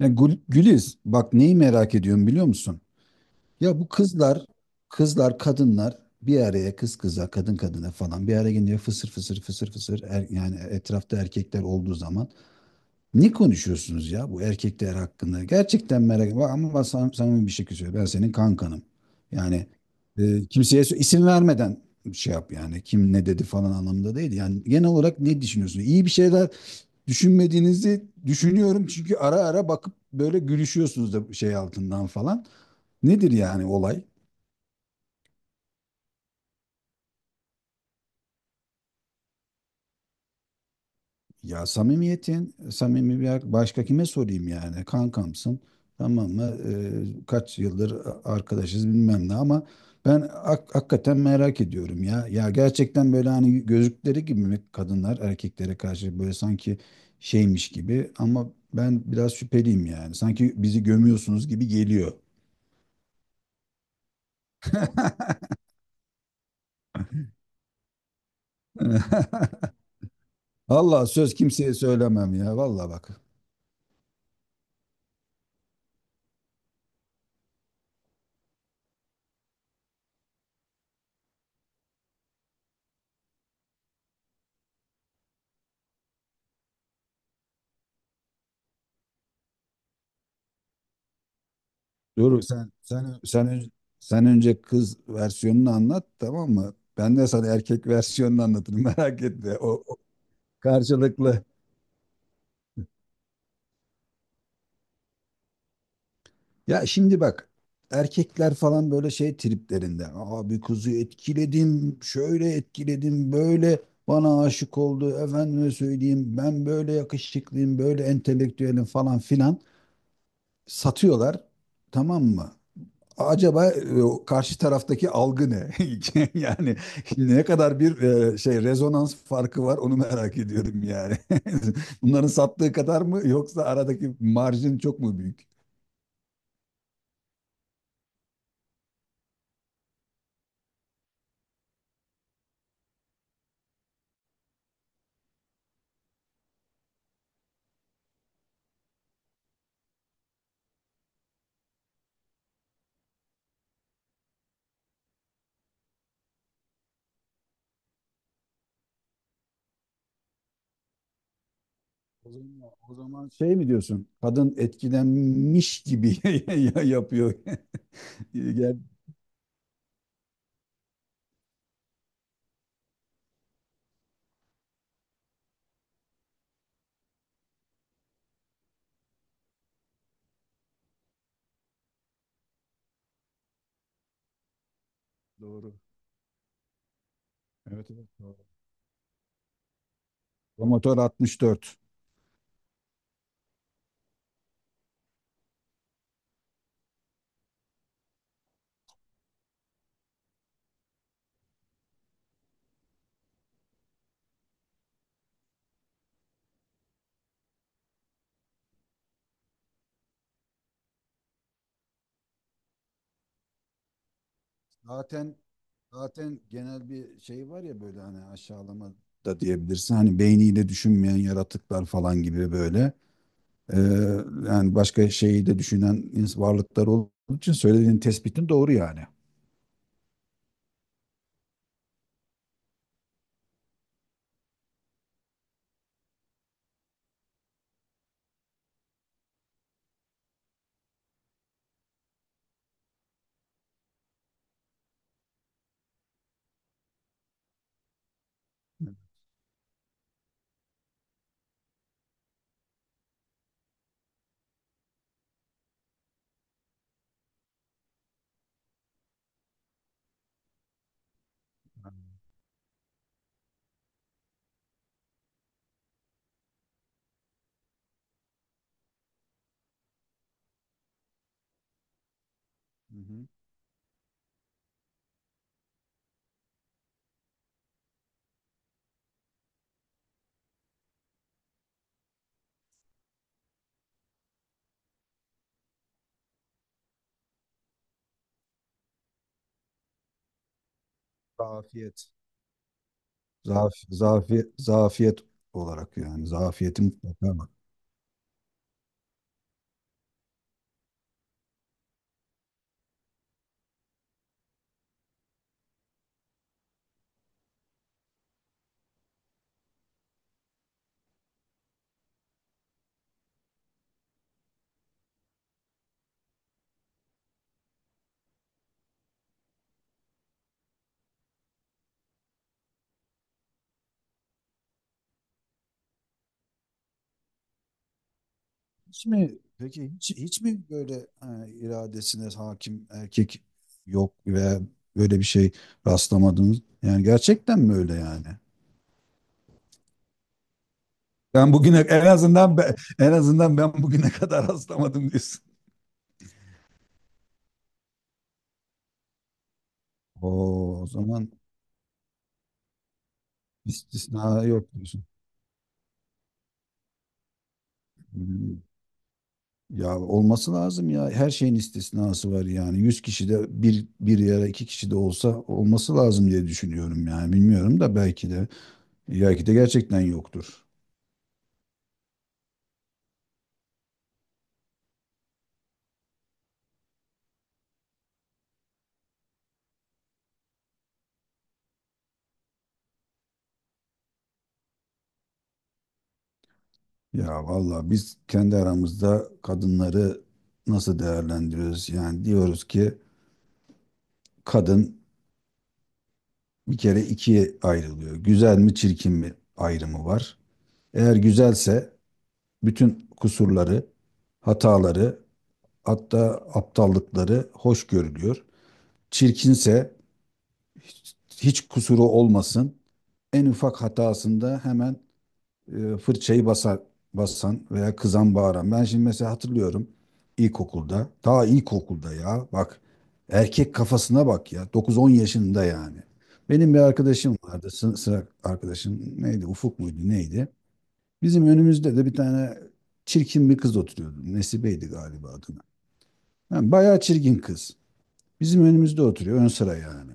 Ya Güliz, bak neyi merak ediyorum biliyor musun? Ya bu kızlar, kadınlar bir araya kız kıza, kadın kadına falan bir araya gelince fısır fısır fısır fısır yani etrafta erkekler olduğu zaman ne konuşuyorsunuz ya bu erkekler hakkında? Gerçekten merak ediyorum. Ama ben samimi bir şey söylüyorum. Ben senin kankanım. Yani kimseye isim vermeden şey yap yani. Kim ne dedi falan anlamında değil. Yani genel olarak ne düşünüyorsunuz? İyi bir şeyler düşünmediğinizi düşünüyorum. Çünkü ara ara bakıp böyle gülüşüyorsunuz da şey altından falan. Nedir yani olay? Ya samimiyetin, samimi bir başka kime sorayım yani? Kankamsın, tamam mı? Kaç yıldır arkadaşız bilmem ne ama ben hakikaten merak ediyorum ya. Ya gerçekten böyle hani gözlükleri gibi mi kadınlar erkeklere karşı böyle sanki şeymiş gibi ama ben biraz şüpheliyim yani. Sanki bizi gömüyorsunuz gibi geliyor. Allah söz kimseye söylemem ya. Vallahi bak. Dur sen önce, sen önce kız versiyonunu anlat, tamam mı? Ben de sana erkek versiyonunu anlatırım, merak etme. O karşılıklı. Ya şimdi bak, erkekler falan böyle şey triplerinde. Abi kızı etkiledim, şöyle etkiledim, böyle bana aşık oldu. Efendime söyleyeyim, ben böyle yakışıklıyım, böyle entelektüelim falan filan satıyorlar. Tamam mı? Acaba karşı taraftaki algı ne? Yani ne kadar bir şey rezonans farkı var, onu merak ediyorum yani. Bunların sattığı kadar mı, yoksa aradaki marjin çok mu büyük? O zaman, şey mi diyorsun? Kadın etkilenmiş gibi ya yapıyor. Gel. Doğru. Evet, evet, doğru. Promotör 64. Zaten zaten genel bir şey var ya, böyle hani aşağılama da diyebilirsin. Hani beyniyle düşünmeyen yaratıklar falan gibi böyle. Ee, Yani başka şeyi de düşünen varlıklar olduğu için söylediğin tespitin doğru yani. Hı-hı. Zafiyet. Zafiyet olarak yani, zafiyetin mutlaka var. Hiç mi peki, hiç mi böyle iradesine hakim erkek yok ve böyle bir şey rastlamadınız? Yani gerçekten mi öyle yani? Ben bugüne en azından, en azından ben bugüne kadar rastlamadım diyorsun. Oo, o zaman. İstisna yok diyorsun. Hmm. Ya olması lazım ya. Her şeyin istisnası var yani. 100 kişi de bir, bir yere 2 kişi de olsa olması lazım diye düşünüyorum yani. Bilmiyorum da, belki de gerçekten yoktur. Ya valla biz kendi aramızda kadınları nasıl değerlendiriyoruz? Yani diyoruz ki kadın bir kere ikiye ayrılıyor. Güzel mi çirkin mi ayrımı var. Eğer güzelse bütün kusurları, hataları, hatta aptallıkları hoş görülüyor. Çirkinse hiç, hiç kusuru olmasın. En ufak hatasında hemen fırçayı basar, basan veya kızan, bağıran. Ben şimdi mesela hatırlıyorum ilkokulda. Ta ilkokulda, ya bak erkek kafasına bak ya, 9-10 yaşında yani. Benim bir arkadaşım vardı. Sıra arkadaşım neydi? Ufuk muydu? Neydi? Bizim önümüzde de bir tane çirkin bir kız oturuyordu. Nesibe'ydi galiba adına. Yani bayağı çirkin kız. Bizim önümüzde oturuyor, ön sıra yani.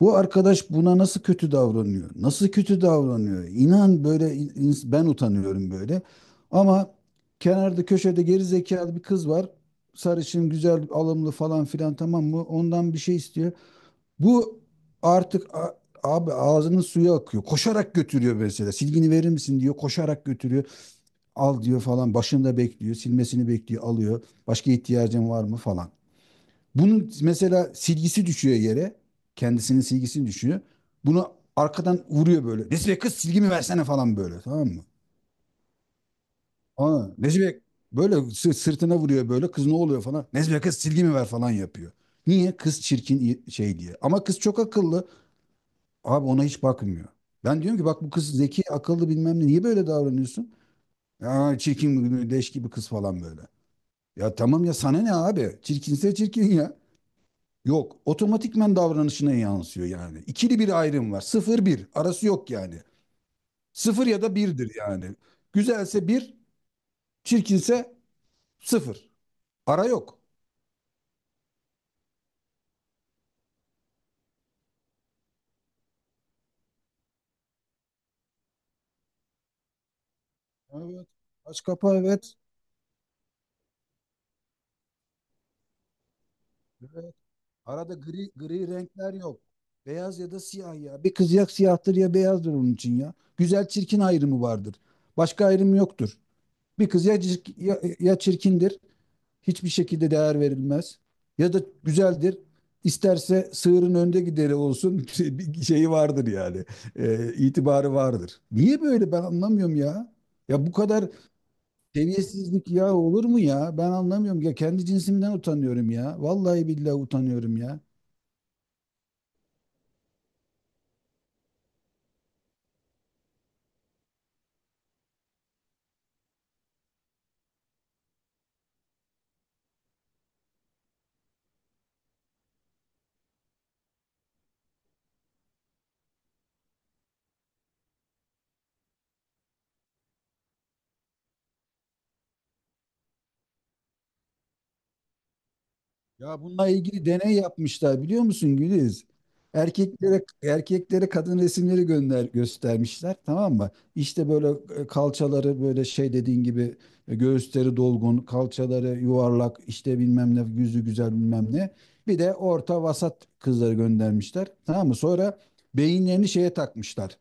Bu arkadaş buna nasıl kötü davranıyor? Nasıl kötü davranıyor? İnan böyle, ben utanıyorum böyle. Ama kenarda köşede geri zekalı bir kız var. Sarışın, güzel, alımlı falan filan, tamam mı? Ondan bir şey istiyor. Bu artık, abi ağzının suyu akıyor. Koşarak götürüyor mesela. Silgini verir misin diyor. Koşarak götürüyor. Al diyor falan. Başında bekliyor. Silmesini bekliyor. Alıyor. Başka ihtiyacın var mı falan. Bunun mesela silgisi düşüyor yere. Kendisinin silgisini düşüyor. Bunu arkadan vuruyor böyle. Nesibe kız, silgimi versene falan böyle, tamam mı? Aa, Nesibe böyle sırtına vuruyor böyle. Kız, ne oluyor falan. Nesibe kız, silgimi ver falan yapıyor. Niye? Kız çirkin şey diye. Ama kız çok akıllı. Abi ona hiç bakmıyor. Ben diyorum ki bak, bu kız zeki, akıllı bilmem ne. Niye böyle davranıyorsun? Ya çirkin, leş gibi kız falan böyle. Ya tamam ya, sana ne abi? Çirkinse çirkin ya. Yok, otomatikmen davranışına yansıyor yani. İkili bir ayrım var. Sıfır bir. Arası yok yani. Sıfır ya da birdir yani. Güzelse bir, çirkinse sıfır. Ara yok. Evet. Aç kapa, evet. Evet. Arada gri renkler yok. Beyaz ya da siyah ya. Bir kız ya siyahtır ya beyazdır onun için ya. Güzel çirkin ayrımı vardır. Başka ayrım yoktur. Bir kız ya çirkindir, hiçbir şekilde değer verilmez. Ya da güzeldir. İsterse sığırın önde gideri olsun, bir şeyi vardır yani. İtibarı vardır. Niye böyle, ben anlamıyorum ya. Ya bu kadar seviyesizlik ya, olur mu ya? Ben anlamıyorum ya. Kendi cinsimden utanıyorum ya. Vallahi billahi utanıyorum ya. Ya bununla ilgili deney yapmışlar, biliyor musun Güliz? Erkeklere kadın resimleri göstermişler, tamam mı? İşte böyle kalçaları böyle şey dediğin gibi, göğüsleri dolgun, kalçaları yuvarlak, işte bilmem ne, yüzü güzel bilmem ne. Bir de orta vasat kızları göndermişler. Tamam mı? Sonra beyinlerini şeye takmışlar,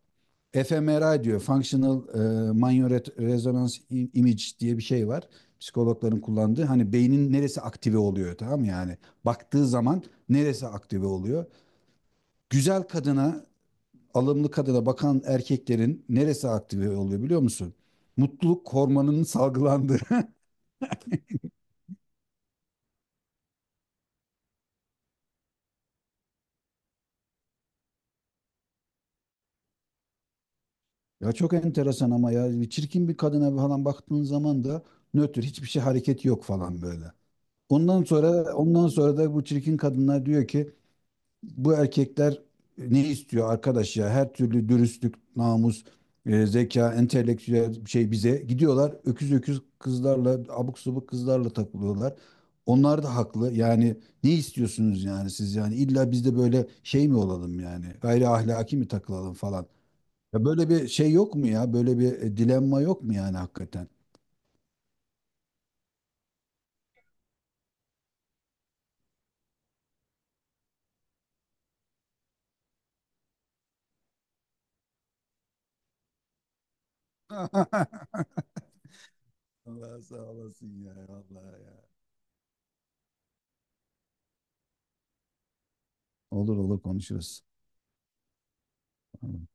fMRI diyor. Functional Magnetic Resonance Image diye bir şey var. Psikologların kullandığı. Hani beynin neresi aktive oluyor, tamam yani. Baktığı zaman neresi aktive oluyor? Güzel kadına, alımlı kadına bakan erkeklerin neresi aktive oluyor, biliyor musun? Mutluluk hormonunun salgılandığı. Ya çok enteresan ama ya, bir çirkin bir kadına falan baktığın zaman da nötr, hiçbir şey, hareket yok falan böyle. Ondan sonra da bu çirkin kadınlar diyor ki, bu erkekler ne istiyor arkadaş ya? Her türlü dürüstlük, namus, zeka, entelektüel şey, bize gidiyorlar. Öküz öküz kızlarla, abuk subuk kızlarla takılıyorlar. Onlar da haklı. Yani ne istiyorsunuz yani siz, yani illa biz de böyle şey mi olalım yani? Gayri ahlaki mi takılalım falan? Ya böyle bir şey yok mu ya? Böyle bir dilemma yok mu yani hakikaten? Allah sağ olasın ya, vallahi ya. Olur olur konuşuruz. Tamam.